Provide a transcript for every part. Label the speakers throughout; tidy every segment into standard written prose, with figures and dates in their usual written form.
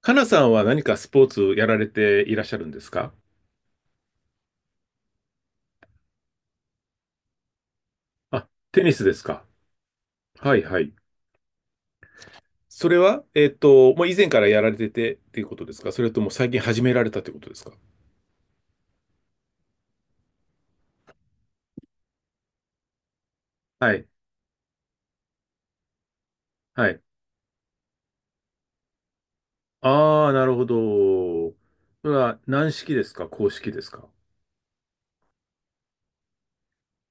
Speaker 1: かなさんは何かスポーツやられていらっしゃるんですか？あ、テニスですか。はいはい。それは、もう以前からやられててっていうことですか、それとも最近始められたってことですか？はい。はい。ああ、なるほど。それは軟式ですか、硬式ですか？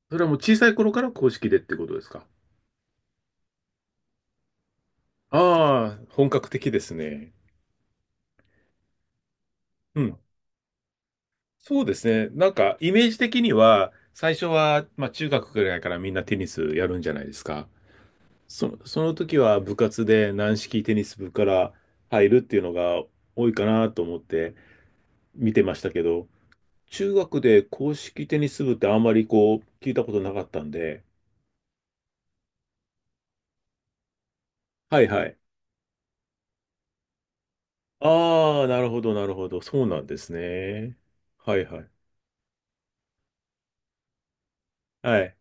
Speaker 1: それはもう小さい頃から硬式でってことですか？ああ、本格的ですね。うん。そうですね。なんか、イメージ的には、最初は、まあ、中学ぐらいからみんなテニスやるんじゃないですか。その時は部活で軟式テニス部から入るっていうのが多いかなと思って見てましたけど、中学で硬式テニス部ってあんまりこう聞いたことなかったんで、はいはい。ああ、なるほどなるほど。そうなんですね。はいはい。はい。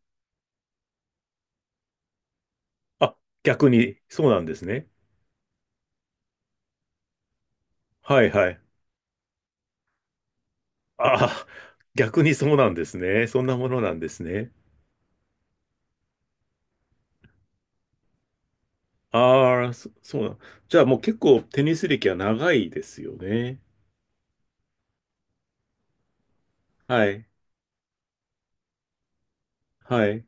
Speaker 1: あ、逆にそうなんですね。はいはい。ああ、逆にそうなんですね。そんなものなんですね。ああ、そうなん。じゃあもう結構テニス歴は長いですよね。はい。はい。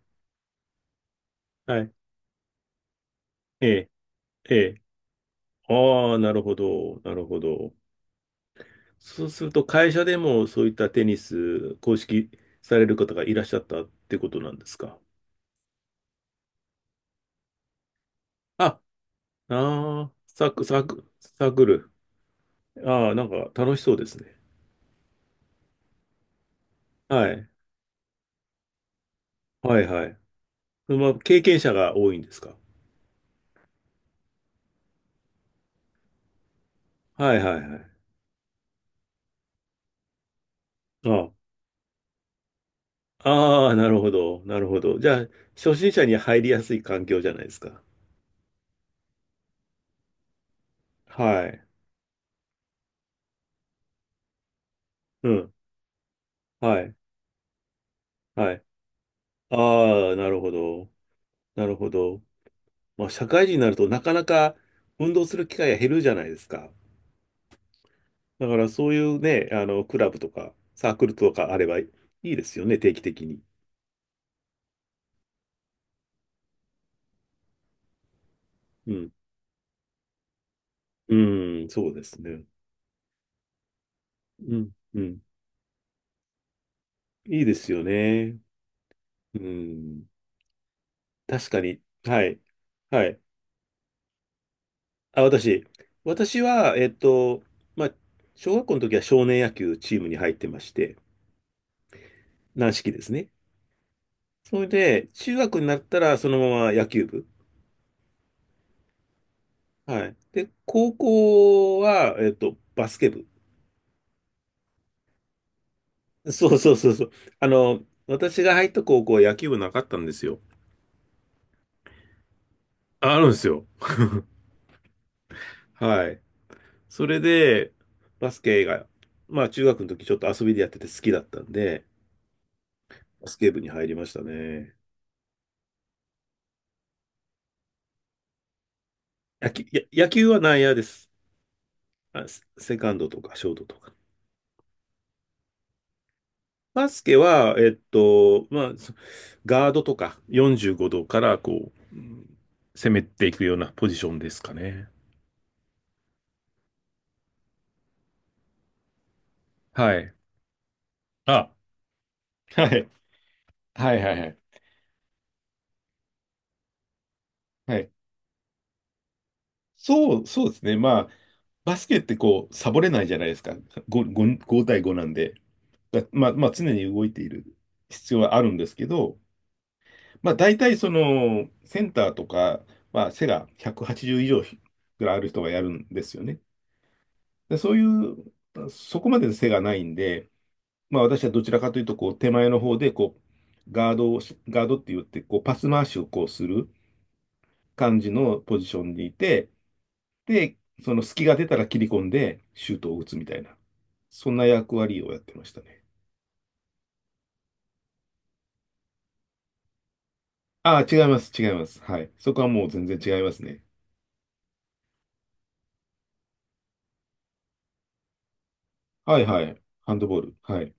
Speaker 1: はい。ええ。ええ。ああ、なるほど。なるほど。そうすると、会社でもそういったテニス、公式される方がいらっしゃったってことなんですか？あ、ああ、サークル。ああ、なんか楽しそうですね。はい。はいはい。まあ、経験者が多いんですか？はいはいはい。ああ、ああ、なるほど。なるほど。じゃあ、初心者に入りやすい環境じゃないですか。はい。うん。はい。はい。ああ、なるほど。なるほど。まあ、社会人になるとなかなか運動する機会が減るじゃないですか。だからそういうね、あの、クラブとかサークルとかあればいいですよね、定期的に。うん。うん、そうですね。うん、うん。いいですよね。うん。確かに。はい。はい。あ、私。私は、まあ、小学校の時は少年野球チームに入ってまして、軟式ですね。それで、中学になったらそのまま野球部。はい。で、高校は、バスケ部。そうそうそうそう。あの、私が入った高校は野球部なかったんですよ。あ、あるんですよ。はい。それで、バスケが、まあ中学の時ちょっと遊びでやってて好きだったんで、バスケ部に入りましたね。野球、野球は内野です。あ、セカンドとかショートとか。バスケは、まあ、ガードとか45度からこう、うん攻めていくようなポジションですかね。はい。あ、はい。はいはいはい。はい。そうですね。まあ、バスケってこう、サボれないじゃないですか。5対5なんで。だまあ、まあ、常に動いている必要はあるんですけど、まあ、大体その、センターとか、まあ、背が180以上ぐらいある人がやるんですよね。で、そういう、そこまで背がないんで、まあ、私はどちらかというと、こう、手前の方で、こう、ガードって言って、こう、パス回しをこうする感じのポジションにいて、で、その隙が出たら切り込んでシュートを打つみたいな、そんな役割をやってましたね。ああ、違います、違います。はい。そこはもう全然違いますね。はいはい。ハンドボール。はい。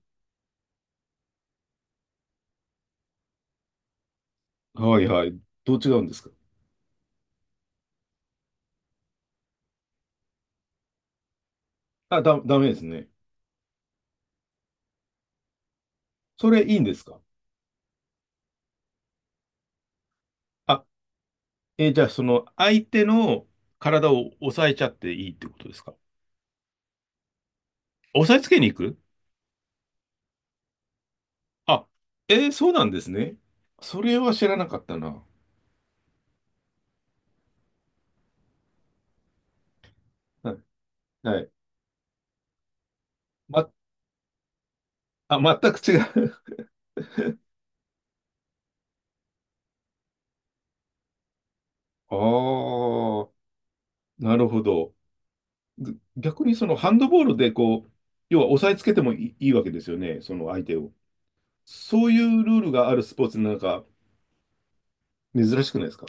Speaker 1: はいはい。どう違うんですか？ダメですね。それいいんですか？あ、えーじゃあその相手の体を押さえちゃっていいってことですか？押さえつけに行く。あ、えーそうなんですね。それは知らなかったな。はい。はい。ま、全く違う。ああ、なるほど。逆にそのハンドボールでこう、要は押さえつけてもいい、いいわけですよね、その相手を。そういうルールがあるスポーツなんか珍しくないですか？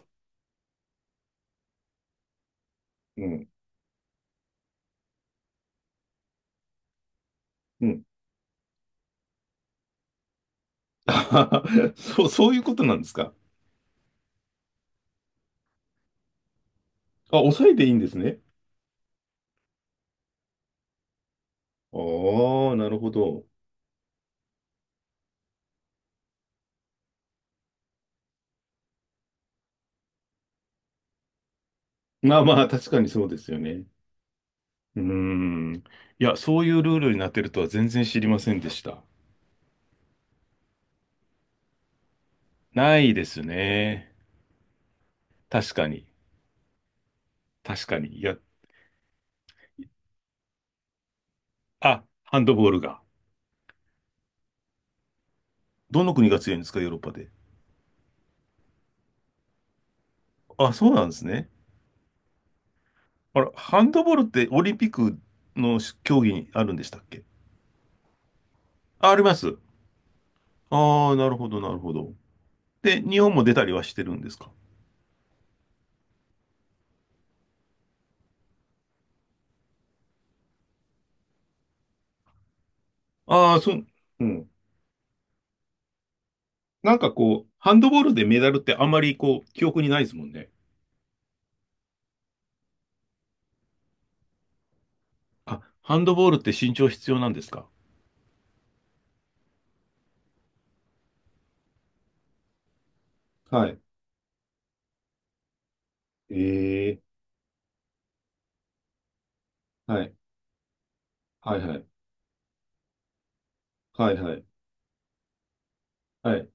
Speaker 1: うん。うん。そういうことなんですか？あ、抑えていいんですね。ああ、なるほど。まあまあ、確かにそうですよね。うーん。いや、そういうルールになってるとは全然知りませんでした。ないですね。確かに。確かに。いや、あ、ハンドボールが。どの国が強いんですか、ヨーロッパで。あ、そうなんですね。あれ、ハンドボールってオリンピックの競技にあるんでしたっけ？あ、あります。ああ、なるほど、なるほど。で、日本も出たりはしてるんですか？ああー、そう、うん。なんかこう、ハンドボールでメダルってあんまりこう、記憶にないですもんね。あ、ハンドボールって身長必要なんですか？はい。ええ。はい。はいはい。はいはい。はい。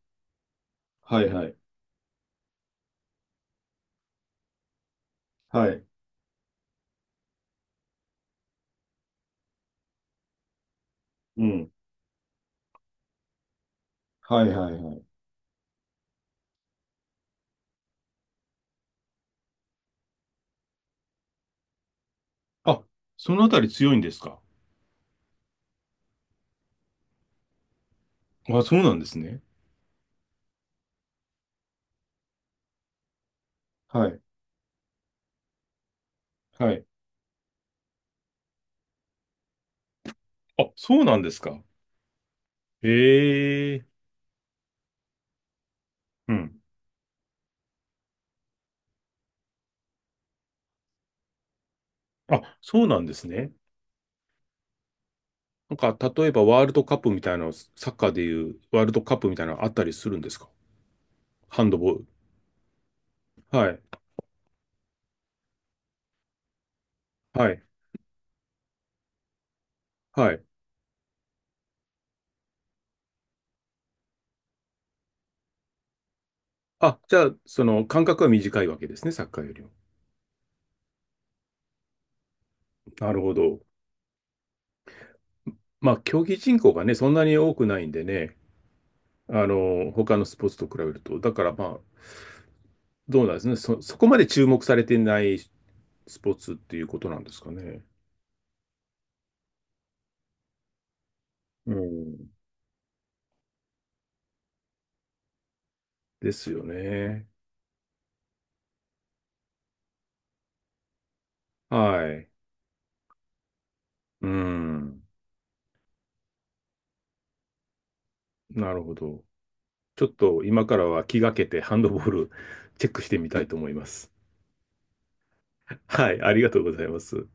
Speaker 1: はいはい。はい。うん。はいはいはい。あ、そのあたり強いんですか？あ、そうなんですね。はい。はい。あ、そうなんですか。ええ。うん。あ、そうなんですね。なんか、例えばワールドカップみたいなの、サッカーでいうワールドカップみたいなのあったりするんですか？ハンドボール。はい。はい。はい。あ、じゃあ、その間隔は短いわけですね、サッカーよりも。なるほど。まあ、競技人口がね、そんなに多くないんでね、あの、他のスポーツと比べると。だから、まあ、どうなんですね。そこまで注目されてないスポーツっていうことなんですかね。うん。ですよね。はい。うん。なるほど。ちょっと今からは気がけてハンドボール チェックしてみたいと思います。はい、ありがとうございます。